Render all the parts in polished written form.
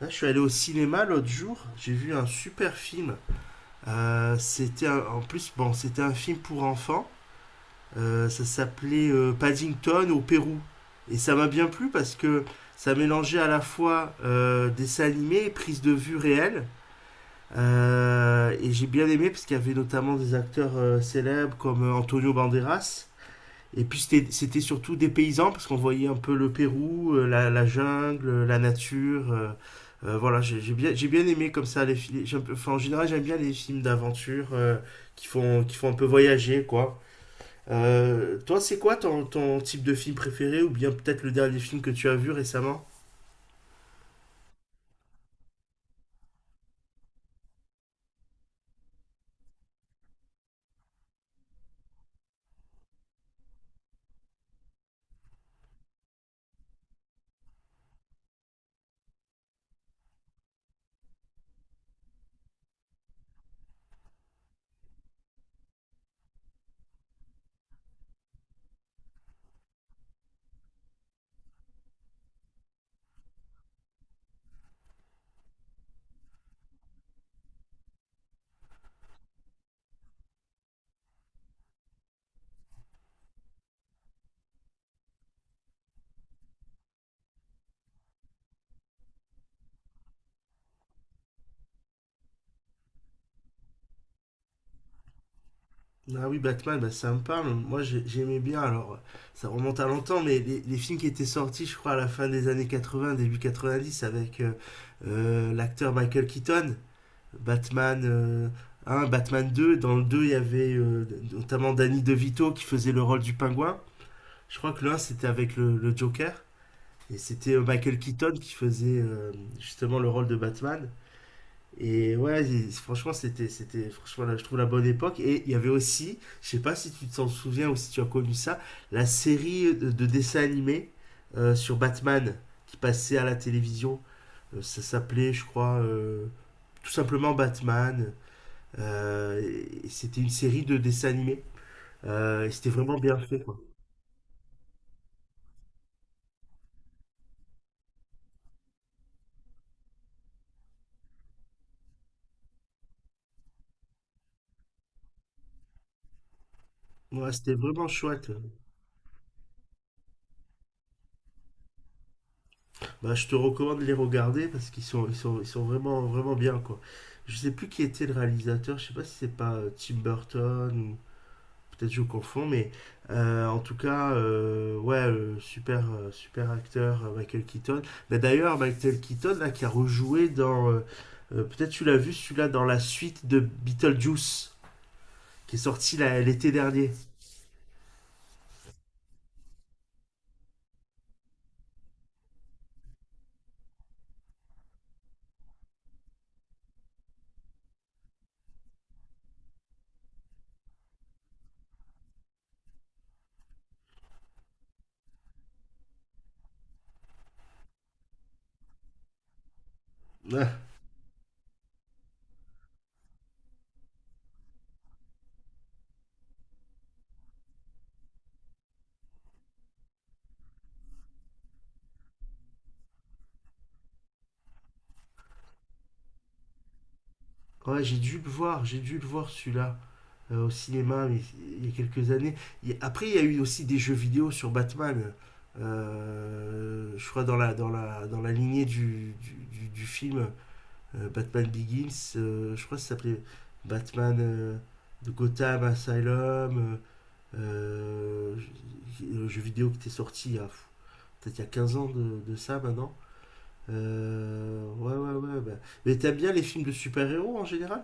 Là, je suis allé au cinéma l'autre jour, j'ai vu un super film. En plus, bon, c'était un film pour enfants. Ça s'appelait Paddington au Pérou. Et ça m'a bien plu parce que ça mélangeait à la fois dessin animé et prise de vue réelle. Et j'ai bien aimé parce qu'il y avait notamment des acteurs célèbres comme Antonio Banderas. Et puis c'était surtout des paysans parce qu'on voyait un peu le Pérou, la jungle, la nature. Voilà, j'ai bien aimé comme ça les films. Enfin, en général, j'aime bien les films d'aventure qui font un peu voyager, quoi. Toi, c'est quoi ton type de film préféré ou bien peut-être le dernier film que tu as vu récemment? Ah oui, Batman, bah, ça me parle. Moi, j'aimais bien. Alors, ça remonte à longtemps, mais les films qui étaient sortis, je crois, à la fin des années 80, début 90, avec l'acteur Michael Keaton. Batman 1, Batman deux. Dans le 2 il y avait notamment Danny DeVito qui faisait le rôle du pingouin. Je crois que l'un, c'était avec le Joker. Et c'était Michael Keaton qui faisait justement le rôle de Batman. Et ouais, franchement, franchement, là, je trouve la bonne époque. Et il y avait aussi, je sais pas si tu t'en souviens ou si tu as connu ça, la série de dessins animés sur Batman qui passait à la télévision. Ça s'appelait, je crois, tout simplement Batman. Euh, et c'était une série de dessins animés. Et c'était vraiment bien fait, quoi. Ouais, c'était vraiment chouette. Bah, je te recommande de les regarder parce qu'ils sont vraiment, vraiment bien, quoi. Je sais plus qui était le réalisateur, je sais pas si c'est pas Tim Burton ou peut-être je confonds, mais en tout cas, ouais, super, super acteur Michael Keaton. Mais d'ailleurs, Michael Keaton là, qui a rejoué dans, peut-être tu l'as vu celui-là dans la suite de Beetlejuice qui est sorti là, l'été dernier. Ouais, j'ai dû le voir celui-là au cinéma mais il y a quelques années. Après, il y a eu aussi des jeux vidéo sur Batman. Je crois dans la lignée du film Batman Begins, je crois que ça s'appelait Batman de Gotham Asylum, le jeu vidéo qui était sorti il y a pff, peut-être il y a 15 ans de ça maintenant. Ouais, ouais, ouais. Bah. Mais t'aimes bien les films de super-héros en général?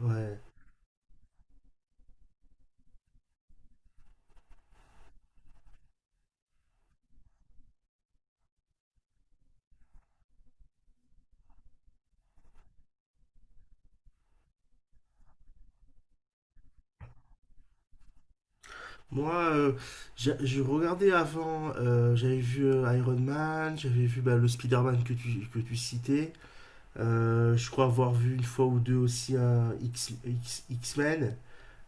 Ouais. Moi, j'ai regardé avant, j'avais vu Iron Man, j'avais vu bah, le Spider-Man que tu citais. Je crois avoir vu une fois ou deux aussi un X-Men.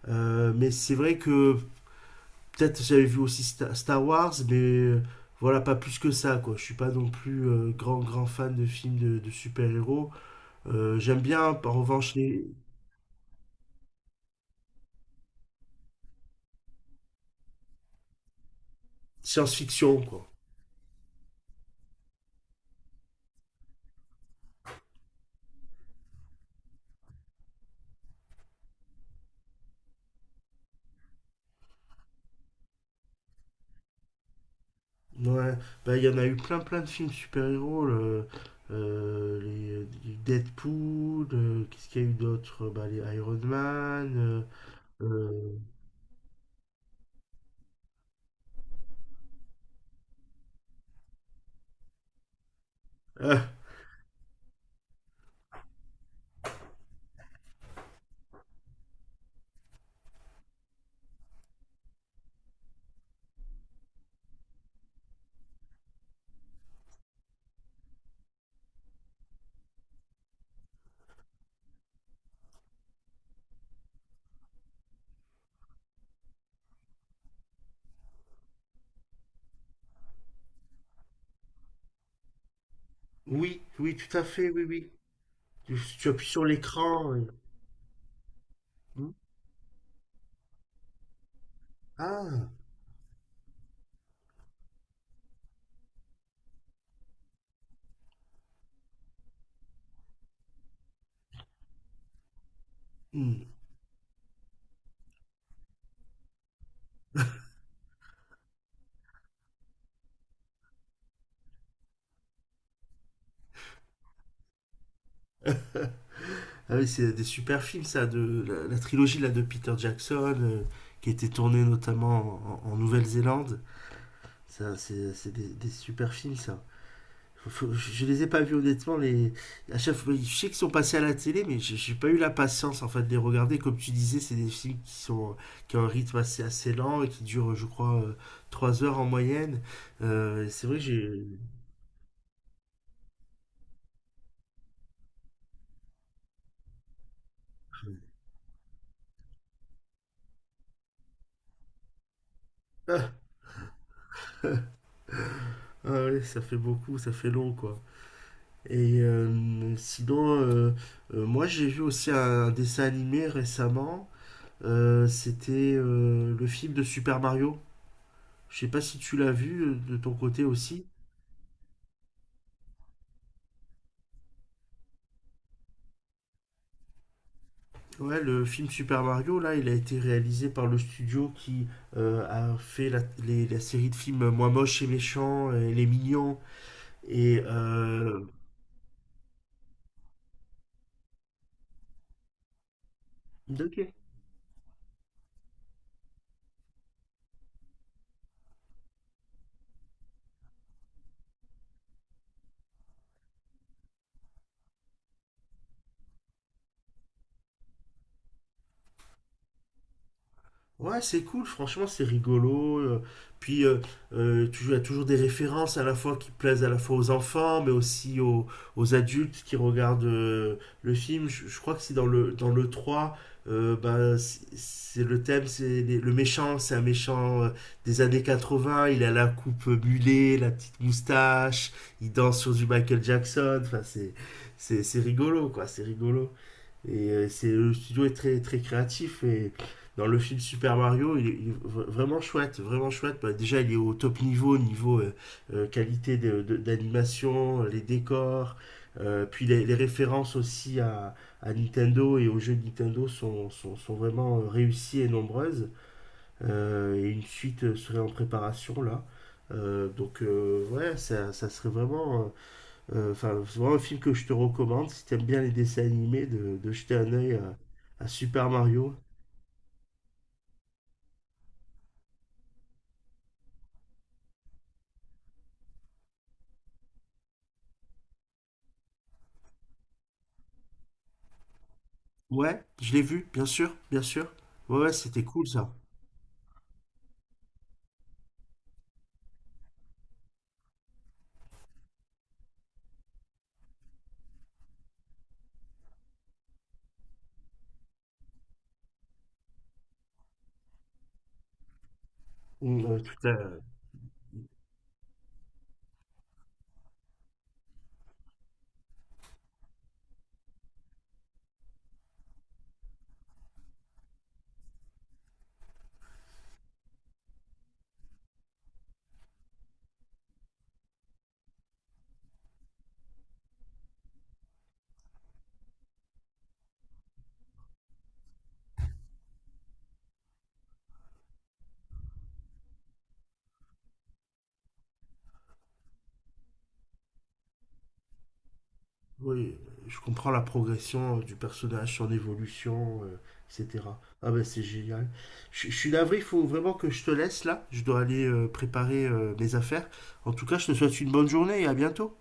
Mais c'est vrai que peut-être j'avais vu aussi Star Wars, mais voilà, pas plus que ça, quoi. Je suis pas non plus grand, grand fan de films de super-héros. J'aime bien, en revanche, les science-fiction, quoi. Ouais, bah il y en a eu plein plein de films super-héros, les Deadpool, qu'est-ce qu'il y a eu d'autre? Bah les Iron Man, euh, euh, ah, oui, oui, tout à fait, oui, oui. Tu appuies sur l'écran. Hmm. Ah, hmm. Ah oui, c'est des super films ça, de la trilogie là de Peter Jackson, qui était tournée notamment en Nouvelle-Zélande. Ça, c'est des super films ça. Je les ai pas vus honnêtement. Les... À chaque fois, je sais qu'ils sont passés à la télé, mais j'ai pas eu la patience en fait de les regarder. Comme tu disais, c'est des films qui ont un rythme assez, assez lent et qui durent, je crois, trois heures en moyenne. C'est vrai que ah, ah ouais, ça fait beaucoup, ça fait long quoi. Et sinon, moi j'ai vu aussi un dessin animé récemment. C'était le film de Super Mario. Je sais pas si tu l'as vu de ton côté aussi. Ouais, le film Super Mario, là, il a été réalisé par le studio qui a fait la série de films Moi moche et méchant et Les mignons et ok. Ouais, c'est cool, franchement, c'est rigolo. Puis, as toujours des références à la fois qui plaisent à la fois aux enfants, mais aussi aux adultes qui regardent le film. Je crois que c'est dans le 3. Bah, c'est le thème, c'est le méchant, c'est un méchant des années 80. Il a la coupe mulet, la petite moustache, il danse sur du Michael Jackson. Enfin, c'est rigolo, quoi, c'est rigolo. Et c'est le studio est très très créatif et dans le film Super Mario, il est vraiment chouette, vraiment chouette. Bah, déjà, il est au top niveau, niveau qualité d'animation, les décors, puis références aussi Nintendo et aux jeux de Nintendo sont vraiment réussies et nombreuses. Et une suite serait en préparation là. Donc ouais, ça serait vraiment enfin, c'est vraiment un film que je te recommande si t'aimes bien les dessins animés, de jeter un œil à Super Mario. Ouais, je l'ai vu, bien sûr, bien sûr. Ouais, ouais, c'était cool ça. Mm, oui, je comprends la progression du personnage, son évolution, etc. Ah ben c'est génial. Je suis navré, il faut vraiment que je te laisse là. Je dois aller préparer mes affaires. En tout cas, je te souhaite une bonne journée et à bientôt.